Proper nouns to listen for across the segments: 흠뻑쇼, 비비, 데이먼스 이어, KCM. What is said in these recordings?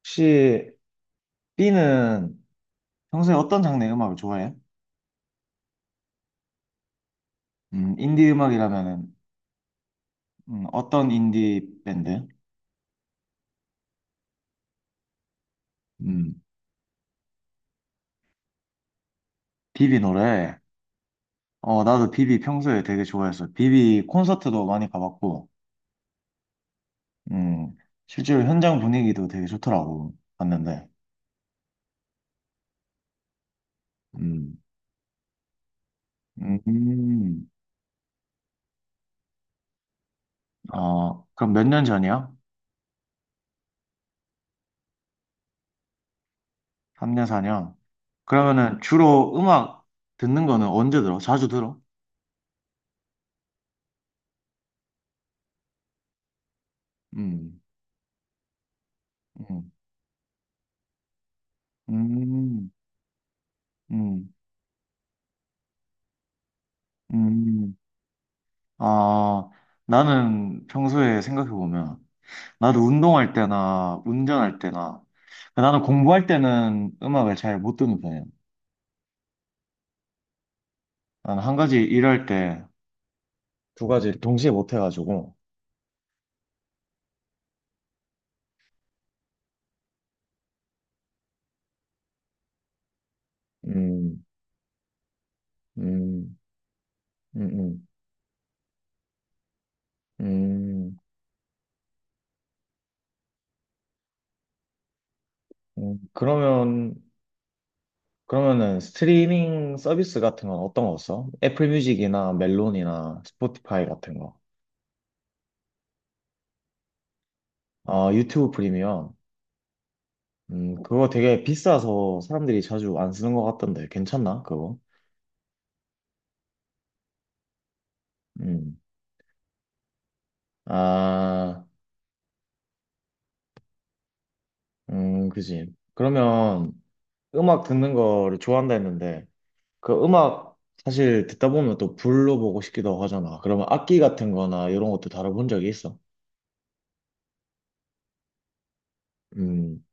혹시 B는 평소에 어떤 장르의 음악을 좋아해? 인디 음악이라면은? 어떤 인디 밴드? 음, 비비 노래. 어, 나도 비비 평소에 되게 좋아했어. 비비 콘서트도 많이 가봤고, 음, 실제로 현장 분위기도 되게 좋더라고 봤는데. 음. 음. 어, 그럼 몇 년 전이야? 3년, 4년? 그러면은 주로 음악 듣는 거는 언제 들어? 자주 들어? 음. 음. 음. 음. 음. 아, 나는 평소에 생각해보면, 나도 운동할 때나, 운전할 때나, 그 나는 공부할 때는 음악을 잘 못 듣는 편이야. 나는 한 가지 일할 때, 두 가지 동시에 못 해가지고. 음. 음. 음. 음. 음. 음. 그러면은 스트리밍 서비스 같은 건 어떤 거 써? 애플 뮤직이나 멜론이나 스포티파이 같은 거. 아, 유튜브 프리미엄. 그거 되게 비싸서 사람들이 자주 안 쓰는 것 같던데, 괜찮나, 그거? 음. 아. 그지. 그러면 음악 듣는 거를 좋아한다 했는데, 그 음악 사실 듣다 보면 또 불러보고 싶기도 하잖아. 그러면 악기 같은 거나 이런 것도 다뤄본 적이 있어? 음.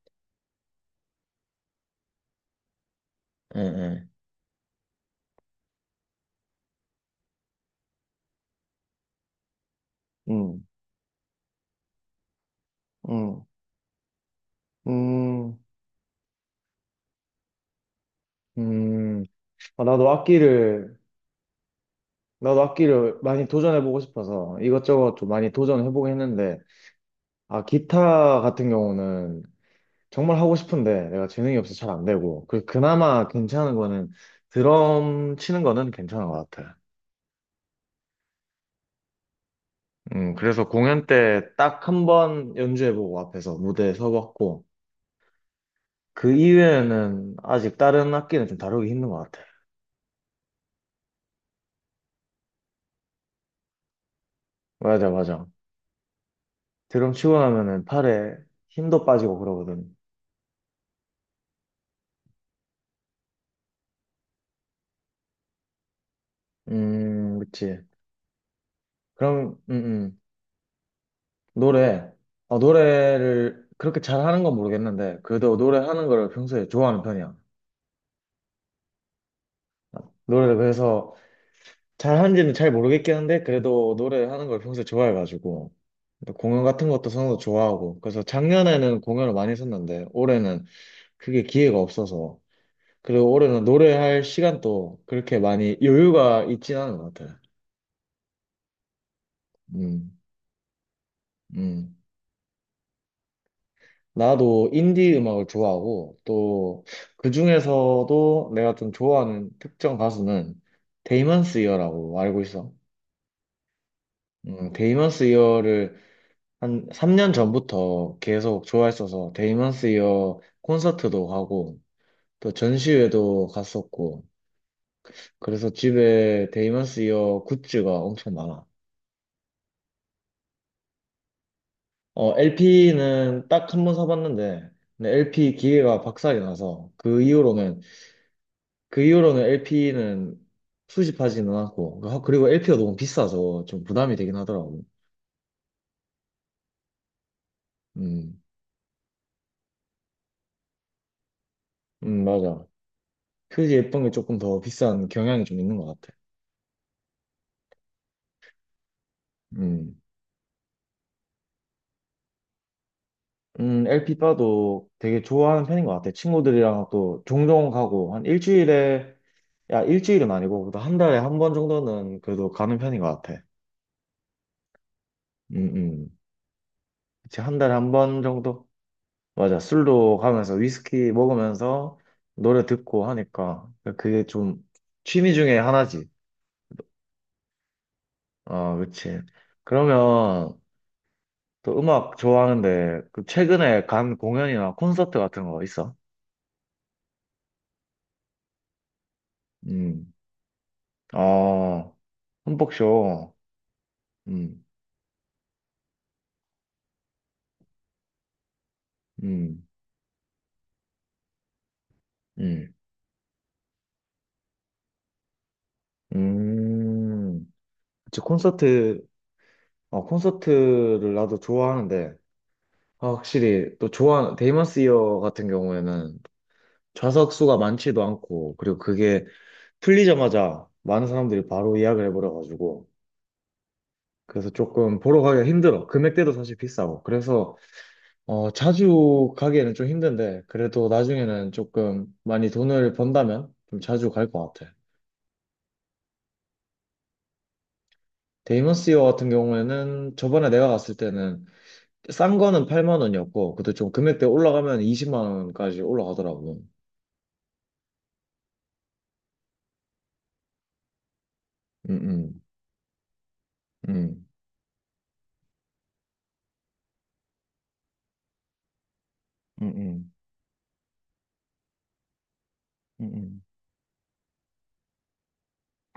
예, 예. 음. 음. 음. 음. 아, 나도 악기를, 많이 도전해보고 싶어서 이것저것 좀 많이 도전해보긴 했는데, 아, 기타 같은 경우는 정말 하고 싶은데 내가 재능이 없어서 잘 안 되고 그나마 괜찮은 거는 드럼 치는 거는 괜찮은 것 같아. 그래서 공연 때 딱 한 번 연주해보고 앞에서 무대에 서봤고 그 이외에는 아직 다른 악기는 좀 다루기 힘든 것 같아. 맞아, 맞아. 드럼 치고 나면은 팔에 힘도 빠지고 그러거든. 그치. 그럼. 노래 노래를 그렇게 잘하는 건 모르겠는데 그래도 노래하는 거를 평소에 좋아하는 편이야. 노래를 그래서 잘하는지는 잘 모르겠긴 한데 그래도 노래를 하는 걸 평소에 좋아해가지고 또 공연 같은 것도 선호도 좋아하고 그래서 작년에는 공연을 많이 했었는데 올해는 그게 기회가 없어서 그리고 올해는 노래할 시간도 그렇게 많이 여유가 있진 않은 것 같아요. 음. 음. 나도 인디 음악을 좋아하고 또 그중에서도 내가 좀 좋아하는 특정 가수는 데이먼스 이어라고 알고 있어. 데이먼스 이어를 한 3년 전부터 계속 좋아했어서 데이먼스 이어 콘서트도 가고 또 전시회도 갔었고 그래서 집에 데이먼스 이어 굿즈가 엄청 많아. 어, LP는 딱 한 번 사봤는데 근데 LP 기계가 박살이 나서 그 이후로는. LP는 수집하지는 않고 그리고 LP가 너무 비싸서 좀 부담이 되긴 하더라고. 음. 맞아. 표지 예쁜 게 조금 더 비싼 경향이 좀 있는 것 같아. 음. LP 바도 되게 좋아하는 편인 것 같아. 친구들이랑 또 종종 가고, 한 일주일에, 야, 일주일은 아니고, 그래도 한 달에 한 번 정도는 그래도 가는 편인 것 같아. 음. 음. 그치, 한 달에 한 번 정도? 맞아. 술도 가면서 위스키 먹으면서 노래 듣고 하니까. 그게 좀 취미 중에 하나지. 어, 그치. 그러면 또 음악 좋아하는데, 그 최근에 간 공연이나 콘서트 같은 거 있어? 음, 어, 흠뻑쇼. 음. 음. 음. 음. 그치, 콘서트를 나도 좋아하는데, 아, 확실히, 데이먼스 이어 같은 경우에는 좌석 수가 많지도 않고, 그리고 그게 풀리자마자 많은 사람들이 바로 예약을 해버려가지고, 그래서 조금 보러 가기가 힘들어. 금액대도 사실 비싸고. 그래서, 자주 가기에는 좀 힘든데, 그래도 나중에는 조금 많이 돈을 번다면 좀 자주 갈 것 같아. 데이먼스 이어 같은 경우에는 저번에 내가 갔을 때는 싼 거는 8만 원이었고, 그때 좀 금액대 올라가면 20만 원까지 올라가더라고. 응, 응, 응, 응, 응, 응.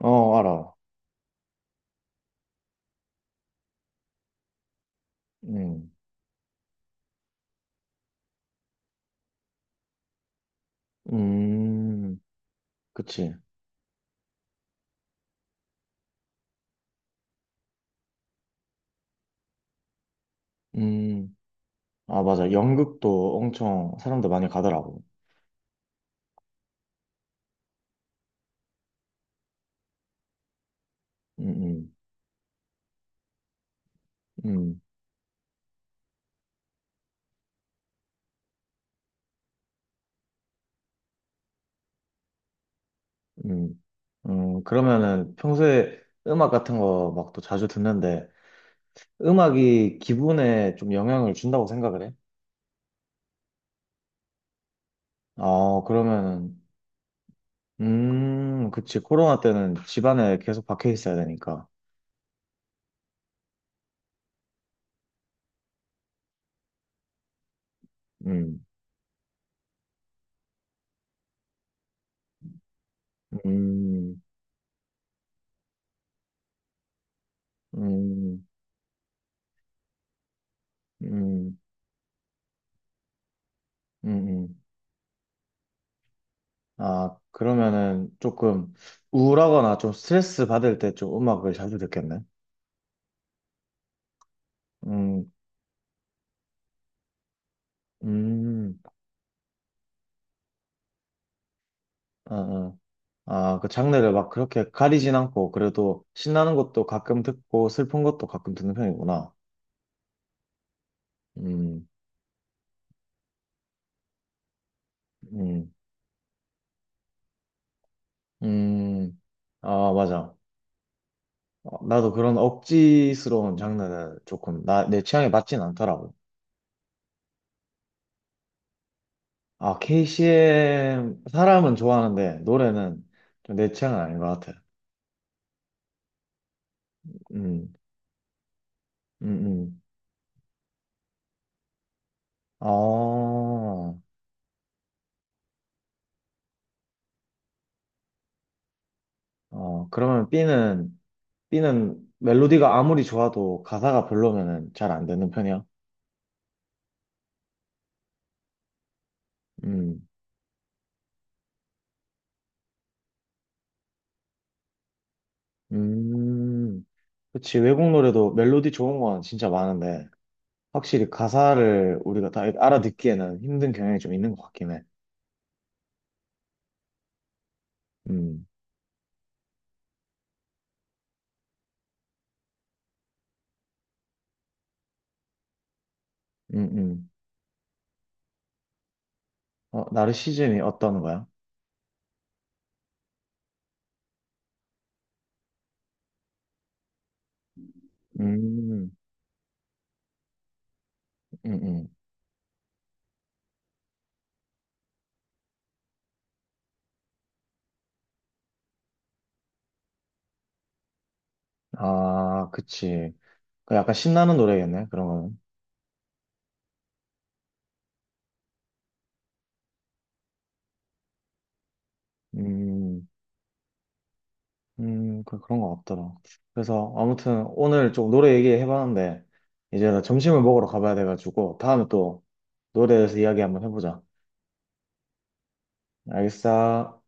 어, 알아. 응. 음, 그치. 음, 아, 맞아. 연극도 엄청 사람들 많이 가더라고. 응, 응, 응, 응. 그러면은 평소에 음악 같은 거 막 또 자주 듣는데, 음악이 기분에 좀 영향을 준다고 생각을 해? 아, 그러면은, 그치. 코로나 때는 집안에 계속 박혀 있어야 되니까. 음. 음. 음. 음. 음. 음. 아, 그러면은 조금 우울하거나 좀 스트레스 받을 때 좀 음악을 자주 듣겠네. 음, 음, 아, 아, 아, 그 장르를 막 그렇게 가리진 않고, 그래도 신나는 것도 가끔 듣고, 슬픈 것도 가끔 듣는 편이구나. 음, 음, 음, 아, 맞아. 어, 나도 그런 억지스러운 장르는 조금 내 취향에 맞진 않더라고. 아, KCM 사람은 좋아하는데 노래는 좀 내 취향은 아닌 것 같아. 음. 음. 음. 어, 어, 그러면 B는 멜로디가 아무리 좋아도 가사가 별로면은 잘 안 듣는 편이야. 음. 음. 그치, 외국 노래도 멜로디 좋은 건 진짜 많은데 확실히 가사를 우리가 다 알아듣기에는 힘든 경향이 좀 있는 것 같긴 해. 음. 음. 음. 어, 나르시즘이 어떤 거야? 음. 음. 음. 아, 그치. 그 약간 신나는 노래겠네, 그런 거는. 음. 음. 그런 거 같더라. 그래서 아무튼 오늘 좀 노래 얘기해봤는데, 이제 나 점심을 먹으러 가봐야 돼가지고, 다음에 또 노래에 대해서 이야기 한번 해보자. 알겠어.